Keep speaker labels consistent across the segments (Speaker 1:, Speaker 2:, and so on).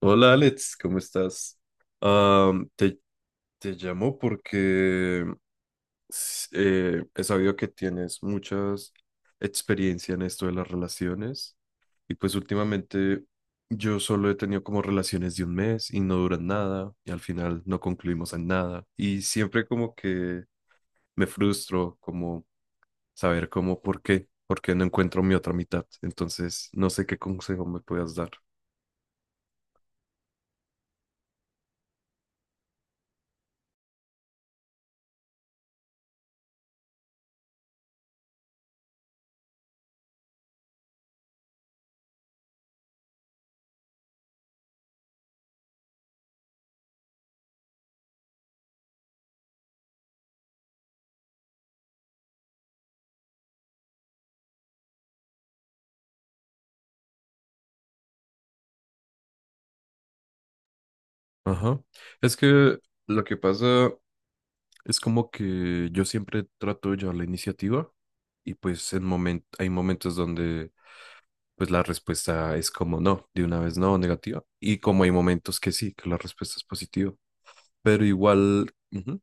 Speaker 1: Hola Alex, ¿cómo estás? Am, te, te llamo porque he sabido que tienes muchas experiencia en esto de las relaciones y pues últimamente yo solo he tenido como relaciones de un mes y no duran nada y al final no concluimos en nada y siempre como que me frustro como saber cómo por qué no encuentro mi otra mitad. Entonces no sé qué consejo me puedas dar. Ajá. Es que lo que pasa es como que yo siempre trato de llevar la iniciativa y pues hay momentos donde pues la respuesta es como no, de una vez no, negativa. Y como hay momentos que sí, que la respuesta es positiva. Pero igual, ujú,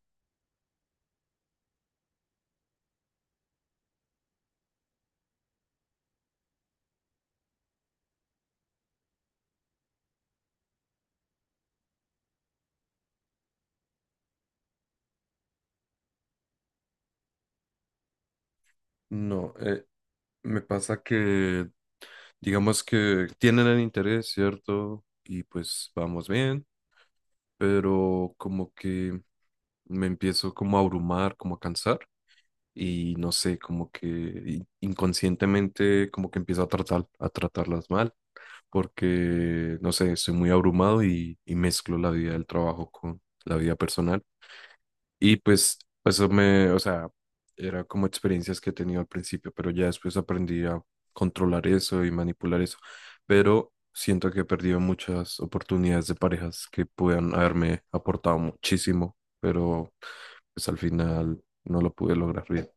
Speaker 1: no, me pasa que digamos que tienen el interés, ¿cierto? Y pues vamos bien, pero como que me empiezo como a abrumar, como a cansar. Y no sé, como que inconscientemente como que empiezo a tratar, a tratarlas mal, porque no sé, estoy muy abrumado y mezclo la vida del trabajo con la vida personal. Y pues eso me, o sea, era como experiencias que he tenido al principio, pero ya después aprendí a controlar eso y manipular eso. Pero siento que he perdido muchas oportunidades de parejas que puedan haberme aportado muchísimo, pero pues al final no lo pude lograr bien.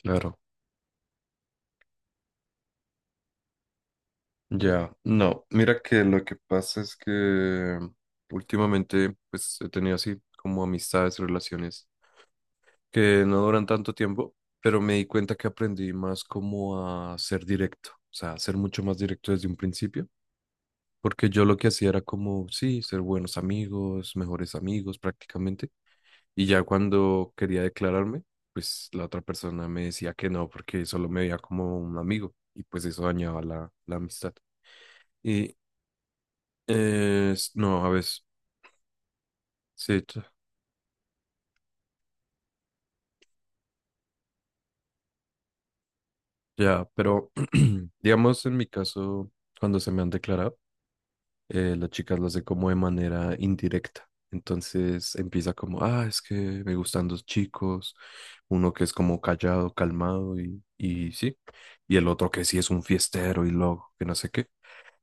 Speaker 1: Claro. Ya, no, mira que lo que pasa es que últimamente pues he tenido así como amistades, relaciones que no duran tanto tiempo, pero me di cuenta que aprendí más como a ser directo, o sea, a ser mucho más directo desde un principio, porque yo lo que hacía era como, sí, ser buenos amigos, mejores amigos prácticamente, y ya cuando quería declararme, pues la otra persona me decía que no, porque solo me veía como un amigo, y pues eso dañaba la amistad. No, a veces, sí, ya, pero digamos en mi caso, cuando se me han declarado, las chicas lo hacen como de manera indirecta. Entonces empieza como, ah, es que me gustan dos chicos, uno que es como callado, calmado y sí, y el otro que sí es un fiestero y loco, que no sé qué.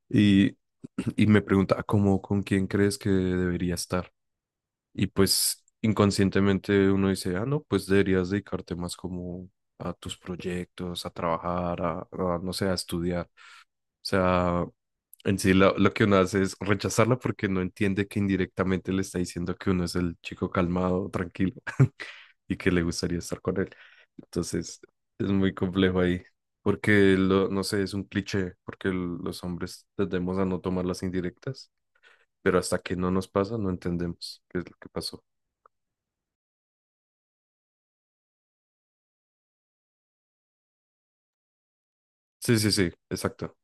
Speaker 1: Y, y me pregunta, "Ah, ¿cómo, con quién crees que debería estar? Y pues inconscientemente uno dice, ah, no, pues deberías dedicarte más como a tus proyectos, a trabajar, a, no sé, a estudiar. O sea, en sí lo que uno hace es rechazarla porque no entiende que indirectamente le está diciendo que uno es el chico calmado, tranquilo y que le gustaría estar con él. Entonces, es muy complejo ahí. Porque, lo, no sé, es un cliché, porque los hombres tendemos a no tomar las indirectas, pero hasta que no nos pasa, no entendemos qué es lo que pasó. Sí, sí, sí, exacto.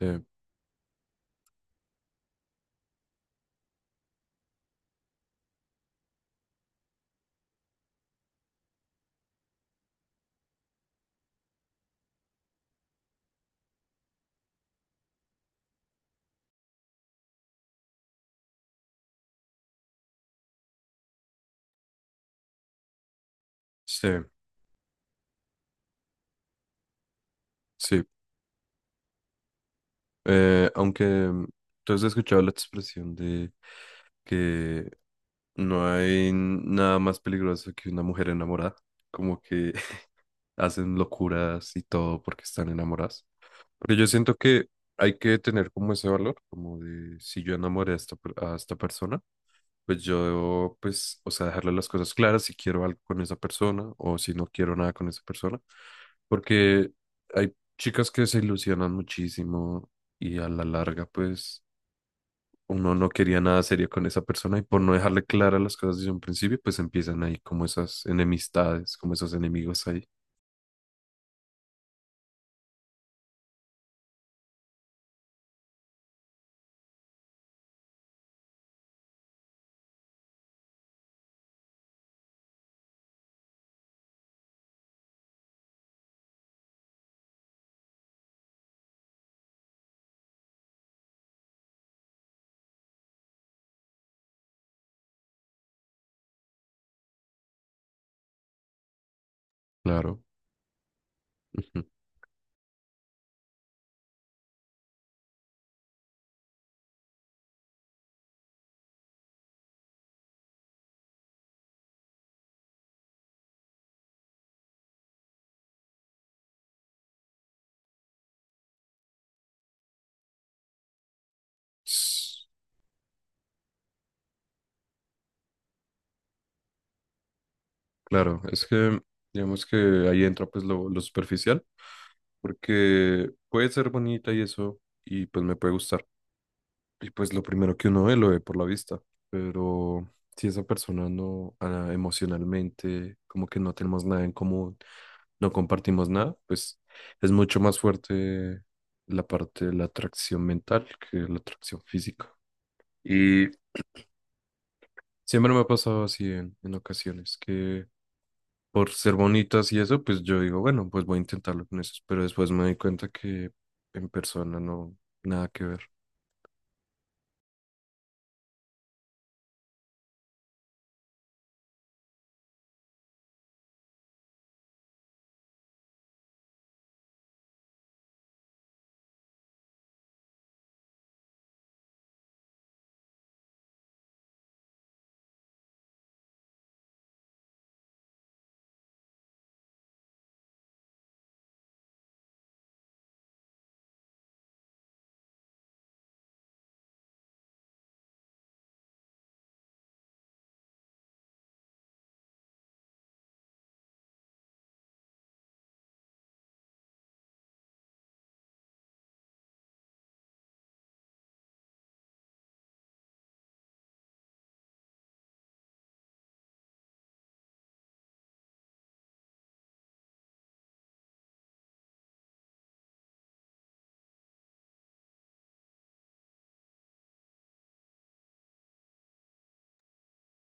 Speaker 1: Eh, sí, sí. Aunque tú has escuchado la expresión de que no hay nada más peligroso que una mujer enamorada, como que hacen locuras y todo porque están enamoradas. Porque yo siento que hay que tener como ese valor, como de si yo enamoré a esta, a esta persona. Pues yo debo, pues, o sea, dejarle las cosas claras si quiero algo con esa persona o si no quiero nada con esa persona, porque hay chicas que se ilusionan muchísimo y a la larga, pues, uno no quería nada serio con esa persona y por no dejarle claras las cosas desde un principio, pues empiezan ahí como esas enemistades, como esos enemigos ahí. Claro. Ujú. S- Claro, es que digamos que ahí entra pues lo superficial, porque puede ser bonita y eso, y pues me puede gustar. Y pues lo primero que uno ve, lo ve por la vista, pero si esa persona no, ah, emocionalmente, como que no tenemos nada en común, no compartimos nada, pues es mucho más fuerte la parte de la atracción mental que la atracción física. Y siempre me ha pasado así en ocasiones, que por ser bonitas y eso, pues yo digo, bueno, pues voy a intentarlo con eso, pero después me doy cuenta que en persona no, nada que ver.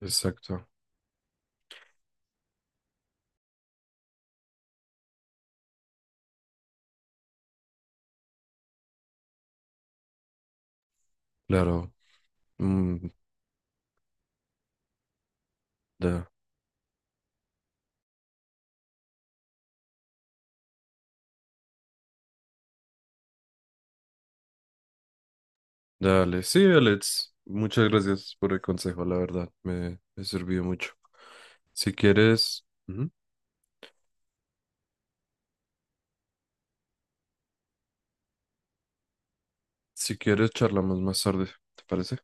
Speaker 1: Exacto, claro. Mm, da. Dale, sí, Alex, muchas gracias por el consejo, la verdad, me sirvió mucho. Si quieres, ujú, si quieres, charlamos más tarde, ¿te parece?